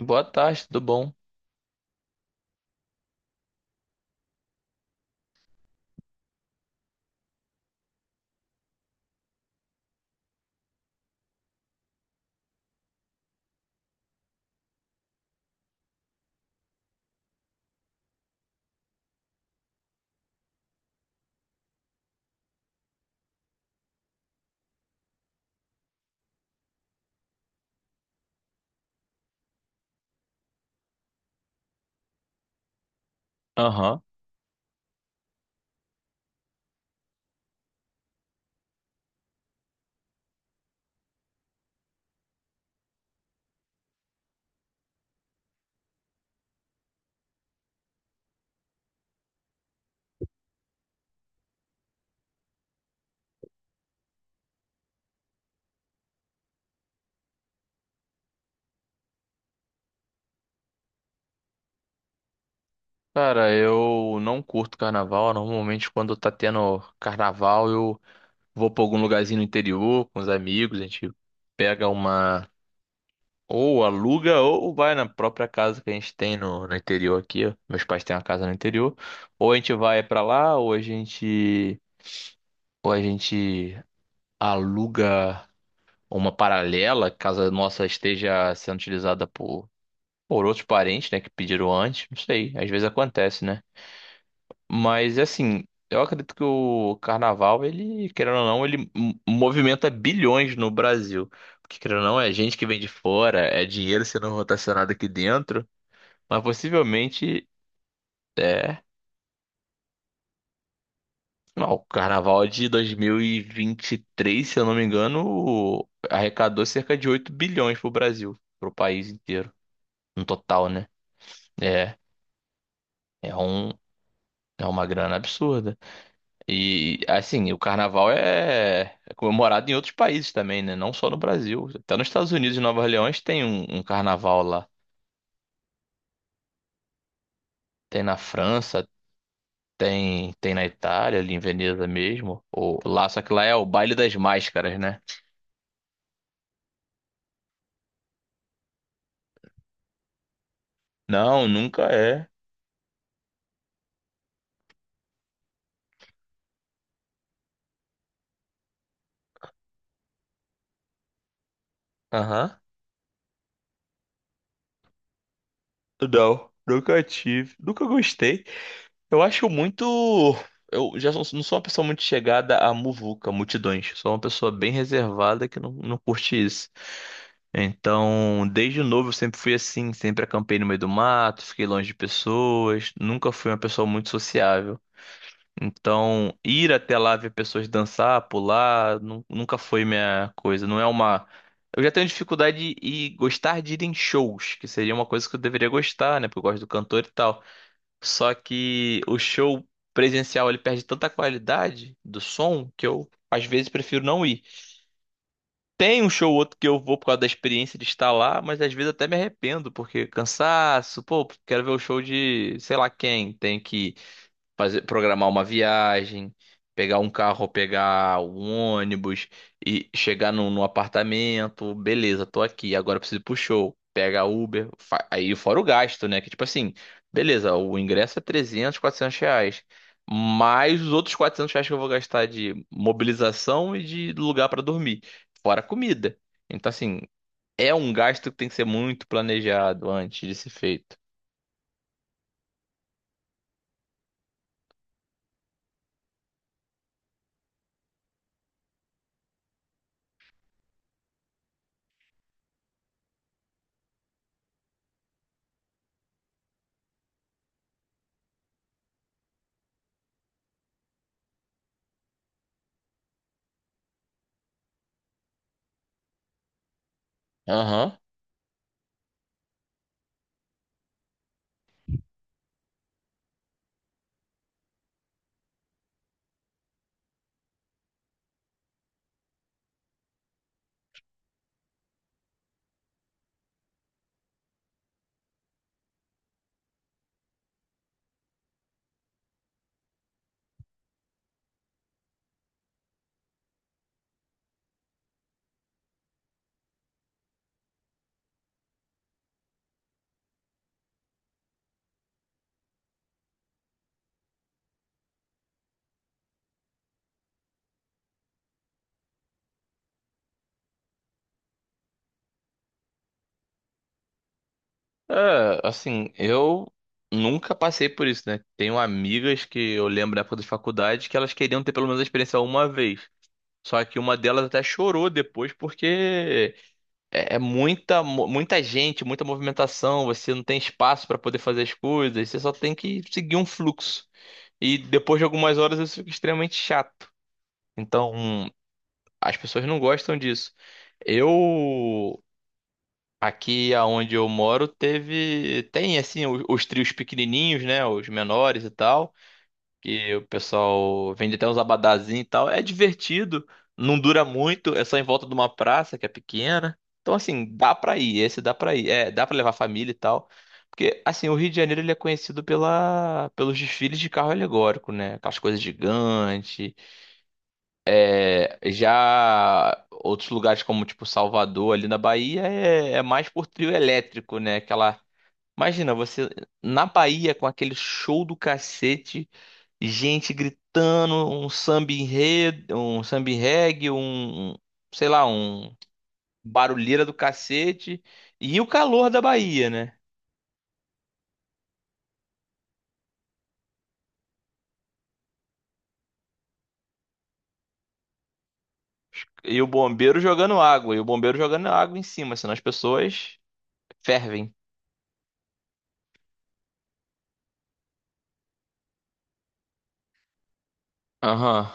Boa tarde, tudo bom? Aham. Cara, eu não curto carnaval. Normalmente, quando tá tendo carnaval, eu vou pra algum lugarzinho no interior com os amigos. A gente pega uma. Ou aluga, ou vai na própria casa que a gente tem no interior aqui. Ó. Meus pais têm uma casa no interior. Ou a gente vai pra lá, ou a gente. Ou a gente aluga uma paralela, caso a nossa esteja sendo utilizada por outros parentes, né, que pediram antes. Não sei, às vezes acontece, né? Mas assim, eu acredito que o carnaval, ele, querendo ou não, ele movimenta bilhões no Brasil. Porque, querendo ou não, é gente que vem de fora, é dinheiro sendo rotacionado aqui dentro. Mas possivelmente, é. Não, o carnaval de 2023, se eu não me engano, arrecadou cerca de 8 bilhões pro Brasil, pro país inteiro, no total, né? É, é um, é uma grana absurda. E assim, o carnaval é comemorado em outros países também, né? Não só no Brasil. Até nos Estados Unidos e Nova Orleans tem um carnaval lá. Tem na França, tem na Itália, ali em Veneza mesmo. Ou lá, só que lá é o baile das máscaras, né? Não, nunca é. Aham. Não, nunca tive. Nunca gostei. Eu acho muito. Não sou uma pessoa muito chegada a muvuca, multidões. Sou uma pessoa bem reservada que não curte isso. Então, desde novo eu sempre fui assim, sempre acampei no meio do mato, fiquei longe de pessoas, nunca fui uma pessoa muito sociável. Então, ir até lá ver pessoas dançar, pular, nunca foi minha coisa. Não é uma. Eu já tenho dificuldade em gostar de ir em shows, que seria uma coisa que eu deveria gostar, né? Porque eu gosto do cantor e tal. Só que o show presencial ele perde tanta qualidade do som que eu às vezes prefiro não ir. Tem um show ou outro que eu vou por causa da experiência de estar lá, mas às vezes até me arrependo porque cansaço, pô, quero ver o show de sei lá quem, tem que fazer, programar uma viagem, pegar um carro, pegar um ônibus e chegar num apartamento, beleza, tô aqui, agora eu preciso ir pro show, pega Uber, aí fora o gasto, né? Que tipo assim, beleza, o ingresso é 300 400 reais, mais os outros 400 reais que eu vou gastar de mobilização e de lugar pra dormir, fora a comida. Então assim, é um gasto que tem que ser muito planejado antes de ser feito. Aham. É, assim, eu nunca passei por isso, né? Tenho amigas que eu lembro da época da faculdade que elas queriam ter pelo menos a experiência uma vez. Só que uma delas até chorou depois porque é muita, muita gente, muita movimentação, você não tem espaço pra poder fazer as coisas, você só tem que seguir um fluxo. E depois de algumas horas isso fica extremamente chato. Então, as pessoas não gostam disso. Eu. Aqui aonde eu moro teve tem assim trios pequenininhos, né, os menores e tal, que o pessoal vende até uns abadazinhos e tal. É divertido, não dura muito, é só em volta de uma praça que é pequena. Então assim, dá pra ir, esse dá pra ir, é, dá pra levar a família e tal. Porque assim, o Rio de Janeiro ele é conhecido pela pelos desfiles de carro alegórico, né? Aquelas coisas gigantes. É, já outros lugares como tipo Salvador ali na Bahia é, é mais por trio elétrico, né? Aquela. Imagina você na Bahia com aquele show do cacete, gente gritando, um samba enredo, um samba reggae, um, sei lá, um barulheira do cacete e o calor da Bahia, né? E o bombeiro jogando água, e o bombeiro jogando água em cima, senão as pessoas fervem. Aham.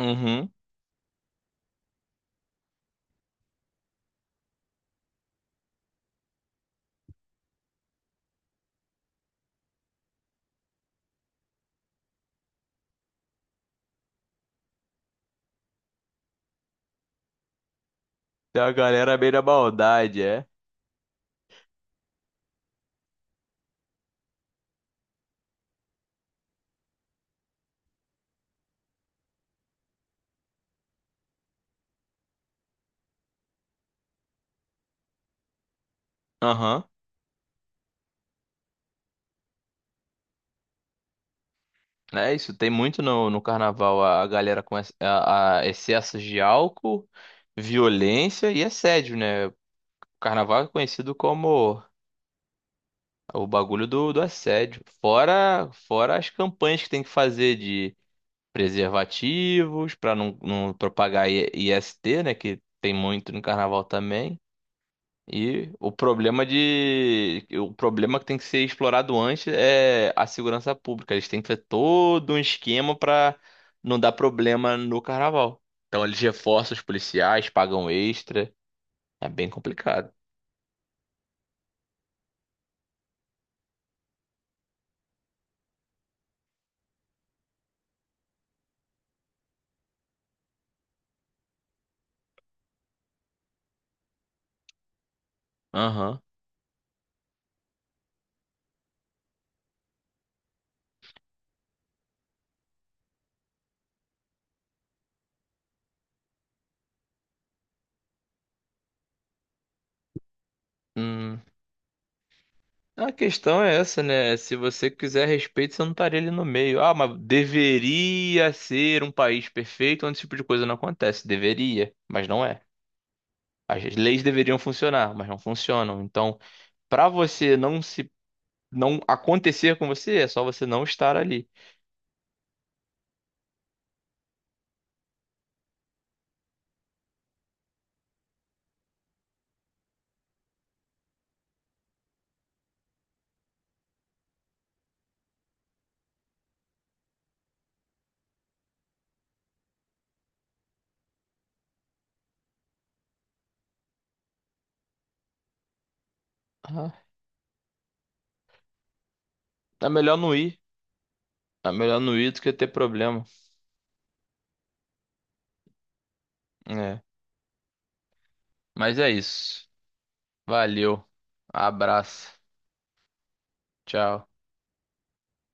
Uhum. Tem a galera à beira da maldade, é. Aham. É isso, tem muito no carnaval a galera com a excessos de álcool, violência e assédio, né? O carnaval é conhecido como o bagulho do assédio. Fora as campanhas que tem que fazer de preservativos para não propagar IST, né? Que tem muito no carnaval também. E o problema de. O problema que tem que ser explorado antes é a segurança pública. Eles têm que fazer todo um esquema para não dar problema no carnaval. Então eles reforçam os policiais, pagam extra. É bem complicado. Aham. Hum. A questão é essa, né? Se você quiser respeito, você não estaria ali no meio. Ah, mas deveria ser um país perfeito onde esse tipo de coisa não acontece. Deveria, mas não é. As leis deveriam funcionar, mas não funcionam. Então. Pra você não se não acontecer com você, é só você não estar ali. Ah, é melhor não ir. É melhor não ir do que ter problema. É. Mas é isso. Valeu. Abraço. Tchau.